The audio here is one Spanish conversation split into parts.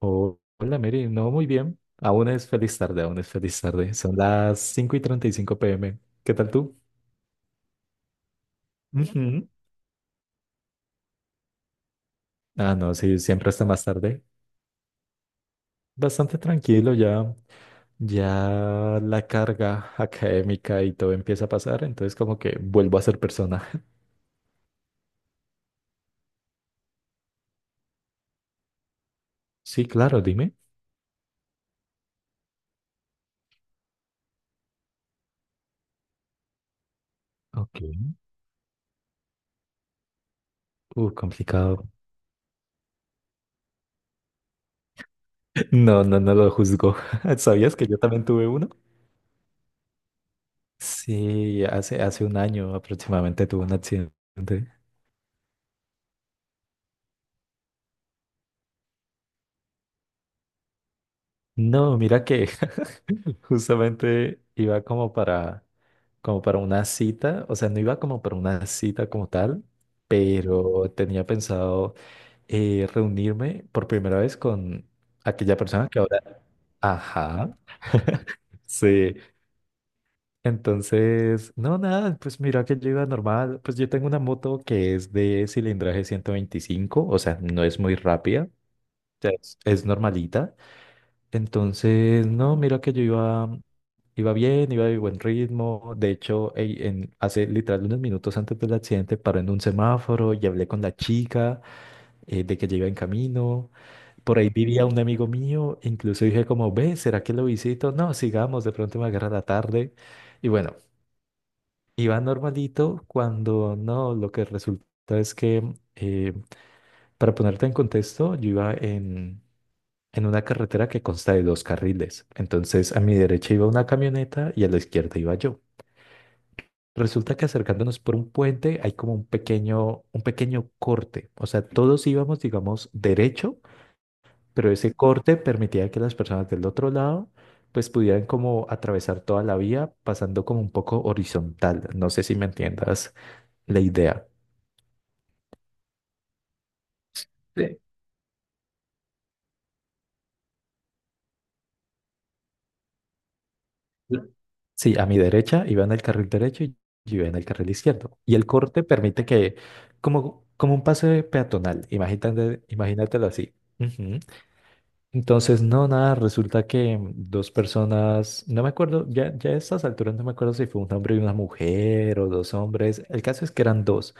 Oh, hola Mary, no muy bien. Aún es feliz tarde, aún es feliz tarde. Son las cinco y 35 pm. ¿Qué tal tú? Ujú. Ah, no, sí, siempre está más tarde. Bastante tranquilo ya. Ya la carga académica y todo empieza a pasar, entonces como que vuelvo a ser persona. Sí, claro, dime. Ok. Complicado. No, no, no lo juzgo. ¿Sabías que yo también tuve uno? Sí, hace un año aproximadamente tuve un accidente. No, mira que justamente iba como para, una cita, o sea, no iba como para una cita como tal, pero tenía pensado reunirme por primera vez con aquella persona que ahora... Ajá. Sí. Entonces, no, nada, pues mira que yo iba normal, pues yo tengo una moto que es de cilindraje 125, o sea, no es muy rápida, o sea, es normalita. Entonces, no, mira que yo iba bien, iba de buen ritmo. De hecho, ey, hace literal unos minutos antes del accidente paré en un semáforo y hablé con la chica de que ya iba en camino. Por ahí vivía un amigo mío, incluso dije como, ve, ¿será que lo visito? No, sigamos, de pronto me agarra la tarde. Y bueno, iba normalito cuando no, lo que resulta es que, eh, para ponerte en contexto, yo iba en una carretera que consta de dos carriles. Entonces a mi derecha iba una camioneta y a la izquierda iba yo. Resulta que acercándonos por un puente hay como un pequeño corte. O sea, todos íbamos, digamos, derecho, pero ese corte permitía que las personas del otro lado pues pudieran como atravesar toda la vía pasando como un poco horizontal. No sé si me entiendas la idea. Sí. L- Sí, a mi derecha iba en el carril derecho y yo iba en el carril izquierdo. Y el corte permite que, como un pase peatonal, imagínate, imagínatelo así. Ujú. Entonces, no, nada, resulta que dos personas, no me acuerdo, ya a estas alturas no me acuerdo si fue un hombre y una mujer o dos hombres, el caso es que eran dos.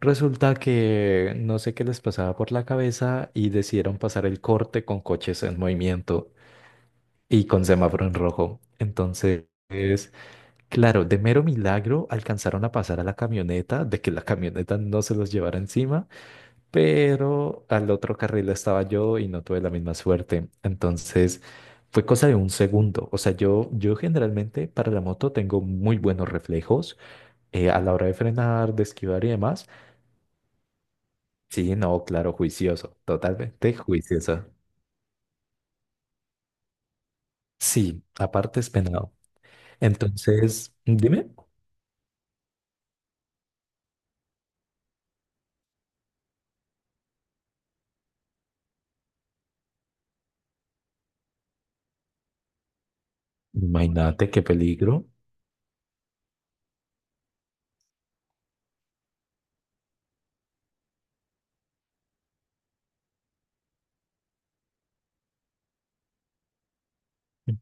Resulta que no sé qué les pasaba por la cabeza y decidieron pasar el corte con coches en movimiento y con semáforo en rojo. Entonces... Claro, de mero milagro alcanzaron a pasar a la camioneta, de que la camioneta no se los llevara encima, pero al otro carril estaba yo y no tuve la misma suerte. Entonces fue cosa de un segundo. O sea, yo generalmente para la moto tengo muy buenos reflejos a la hora de frenar, de esquivar y demás. Sí, no, claro, juicioso, totalmente juicioso. Sí, aparte es penado. Entonces, dime, imagínate qué peligro.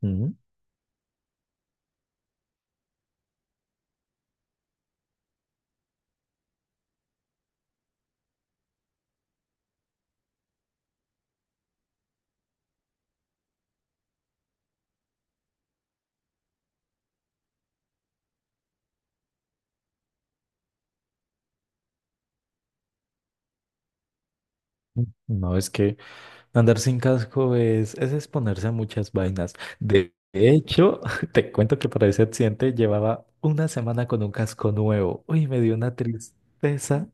Ujú. No es que... Andar sin casco es exponerse a muchas vainas. De hecho, te cuento que para ese accidente llevaba una semana con un casco nuevo. Uy, me dio una tristeza.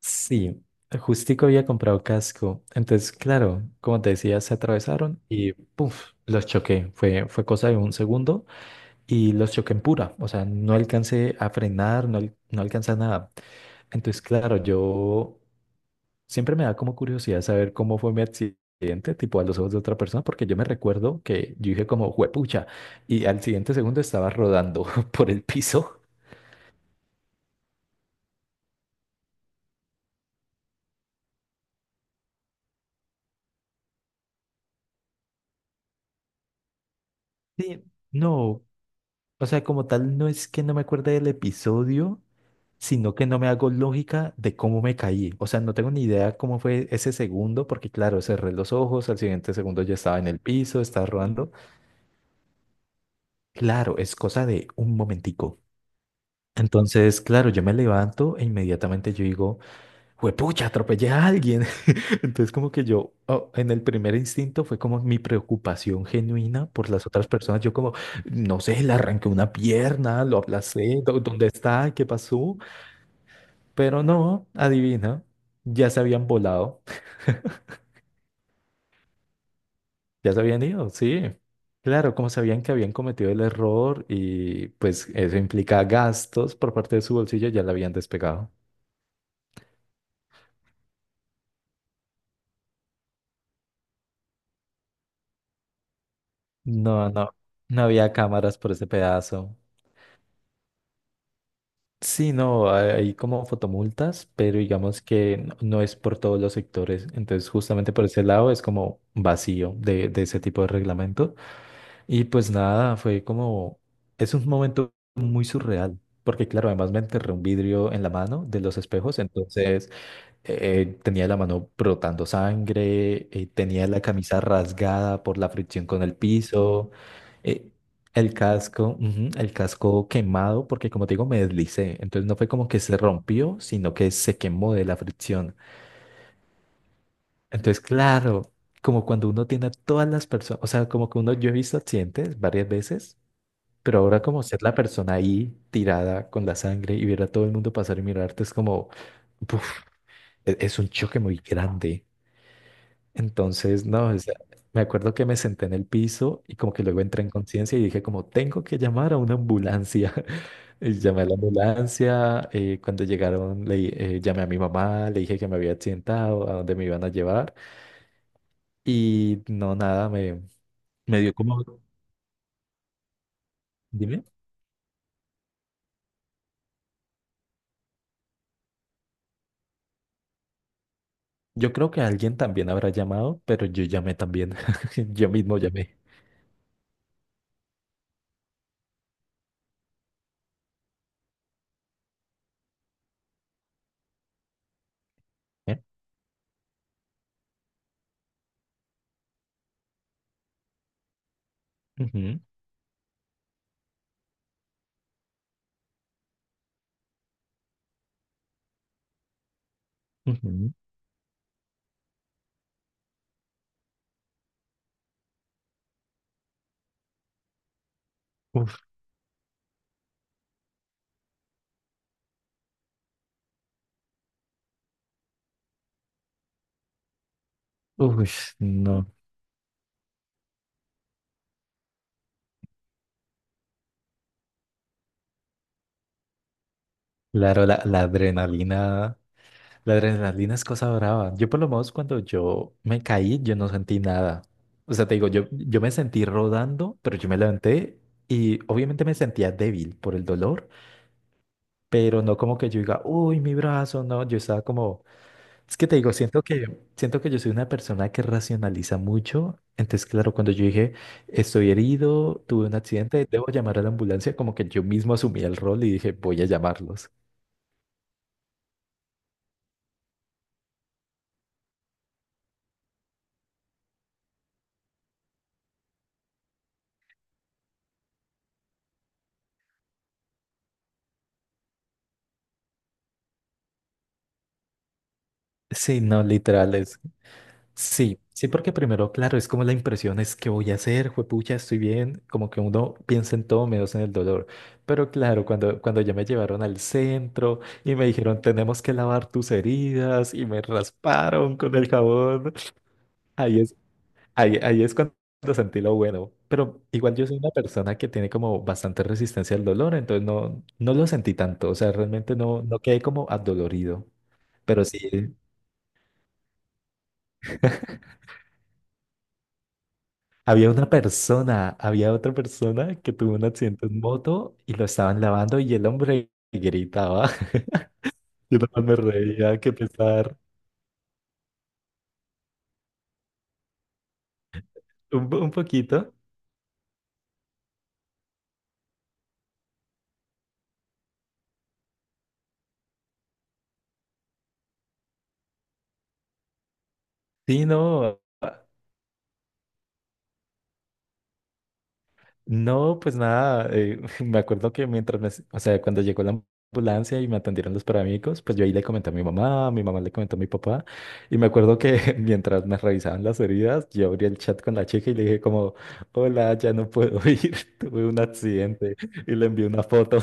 Sí, justico había comprado casco. Entonces, claro, como te decía, se atravesaron y puff, los choqué. Fue cosa de un segundo y los choqué en pura. O sea, no alcancé a frenar, no, no alcancé a nada. Entonces, claro, yo. Siempre me da como curiosidad saber cómo fue mi accidente, tipo a los ojos de otra persona, porque yo me recuerdo que yo dije como, juepucha, y al siguiente segundo estaba rodando por el piso. Sí, no, o sea, como tal, no es que no me acuerde del episodio, sino que no me hago lógica de cómo me caí. O sea, no tengo ni idea cómo fue ese segundo, porque claro, cerré los ojos, al siguiente segundo ya estaba en el piso, estaba rodando. Claro, es cosa de un momentico. Entonces, claro, yo me levanto e inmediatamente yo digo... Juepucha, atropellé a alguien. Entonces, como que yo, oh, en el primer instinto fue como mi preocupación genuina por las otras personas. Yo como, no sé, le arranqué una pierna, lo aplacé, ¿dónde está? ¿Qué pasó? Pero no, adivina, ya se habían volado, ya se habían ido, sí. Claro, como sabían que habían cometido el error y pues eso implica gastos por parte de su bolsillo, ya la habían despegado. No, no, no había cámaras por ese pedazo. Sí, no, hay como fotomultas, pero digamos que no es por todos los sectores. Entonces, justamente por ese lado es como vacío de ese tipo de reglamento. Y pues nada, fue como, es un momento muy surreal, porque claro, además me enterré un vidrio en la mano de los espejos, entonces tenía la mano brotando sangre, tenía la camisa rasgada por la fricción con el piso, eh, el casco, ujú, el casco quemado, porque como te digo, me deslicé. Entonces no fue como que se rompió, sino que se quemó de la fricción. Entonces, claro, como cuando uno tiene a todas las personas, o sea, como que uno, yo he visto accidentes varias veces. Pero ahora como ser la persona ahí tirada con la sangre y ver a todo el mundo pasar y mirarte es como, uf, es un choque muy grande. Entonces, no, o sea, me acuerdo que me senté en el piso y como que luego entré en conciencia y dije como, tengo que llamar a una ambulancia. Y llamé a la ambulancia, cuando llegaron llamé a mi mamá, le dije que me había accidentado, a dónde me iban a llevar y no, nada, me dio como, dime, yo creo que alguien también habrá llamado, pero yo llamé también, yo mismo llamé. ¿Eh? Ujú, ujú. Uf, uf, no, claro, la adrenalina. La adrenalina es cosa brava. Yo por lo menos cuando yo me caí, yo no sentí nada. O sea, te digo, yo me sentí rodando, pero yo me levanté y obviamente me sentía débil por el dolor, pero no como que yo diga, uy, mi brazo, no, yo estaba como, es que te digo, siento que, yo soy una persona que racionaliza mucho. Entonces, claro, cuando yo dije, estoy herido, tuve un accidente, debo llamar a la ambulancia, como que yo mismo asumí el rol y dije, voy a llamarlos. Sí, no, literales. Sí, sí, porque primero, claro, es como la impresión es que voy a hacer, juepucha, estoy bien, como que uno piensa en todo menos en el dolor. Pero claro, cuando ya me llevaron al centro y me dijeron, tenemos que lavar tus heridas y me rasparon con el jabón, ahí es, ahí es cuando sentí lo bueno. Pero igual yo soy una persona que tiene como bastante resistencia al dolor, entonces no, no lo sentí tanto, o sea, realmente no, no quedé como adolorido, pero sí. Había una persona, había otra persona que tuvo un accidente en moto y lo estaban lavando y el hombre gritaba. Yo también me reía, que pesar. Un poquito. Sí, no. No, pues nada. Me acuerdo que o sea, cuando llegó la ambulancia y me atendieron los paramédicos, pues yo ahí le comenté a mi mamá le comentó a mi papá. Y me acuerdo que mientras me revisaban las heridas, yo abrí el chat con la chica y le dije como, hola, ya no puedo ir, tuve un accidente y le envié una foto.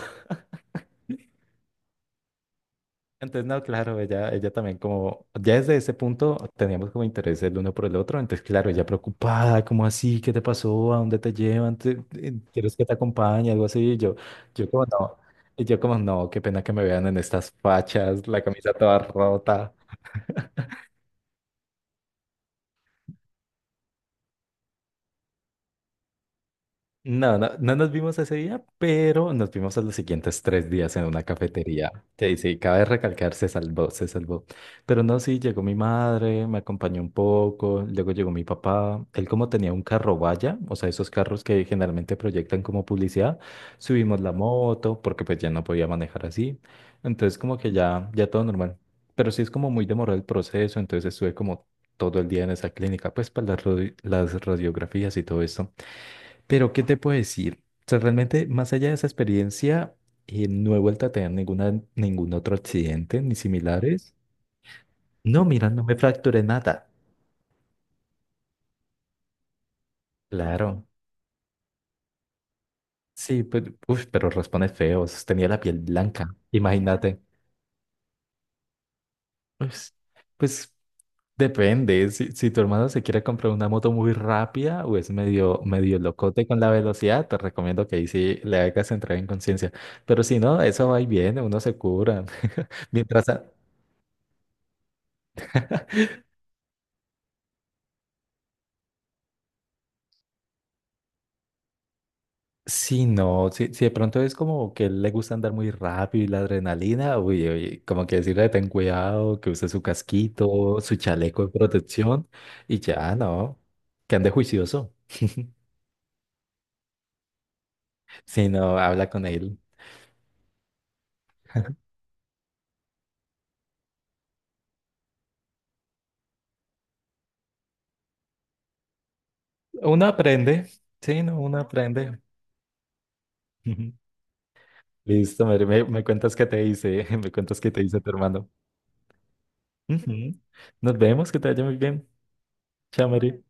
Entonces, no, claro, ella también como, ya desde ese punto teníamos como interés el uno por el otro, entonces, claro, ella preocupada, ¿como así? ¿Qué te pasó? ¿A dónde te llevan? ¿Quieres que te acompañe? Algo así, y yo como no, y yo como no qué pena que me vean en estas fachas, la camisa toda rota. No, no, no nos vimos ese día, pero nos vimos a los siguientes 3 días en una cafetería. Sí, sí, cabe recalcar, se salvó, se salvó. Pero no, sí, llegó mi madre, me acompañó un poco, luego llegó mi papá. Él como tenía un carro vaya, o sea, esos carros que generalmente proyectan como publicidad, subimos la moto porque pues ya no podía manejar así. Entonces como que ya, ya todo normal. Pero sí es como muy demorado el proceso, entonces estuve como todo el día en esa clínica, pues para las radiografías y todo esto. Pero, ¿qué te puedo decir? O sea, realmente, más allá de esa experiencia, no he vuelto a tener ninguna, ningún otro accidente ni similares. No, mira, no me fracturé nada. Claro. Sí, pues, uff, pero responde feo. Tenía la piel blanca. Imagínate. Pues, pues depende. Si tu hermano se quiere comprar una moto muy rápida o es medio, medio locote con la velocidad, te recomiendo que ahí sí le hagas entrar en conciencia. Pero si no, eso va y viene, uno se cura. Mientras. Sí, no, si de pronto es como que le gusta andar muy rápido y la adrenalina, uy, uy, como que decirle ten cuidado, que use su casquito, su chaleco de protección y ya, no, que ande juicioso. Si no, habla con él. Uno aprende, sí, no, uno aprende. Ujú. Listo, Mary, me cuentas qué te dice, me cuentas qué te dice tu hermano. Ujú. Nos vemos, que te vaya muy bien. Chao, Mary.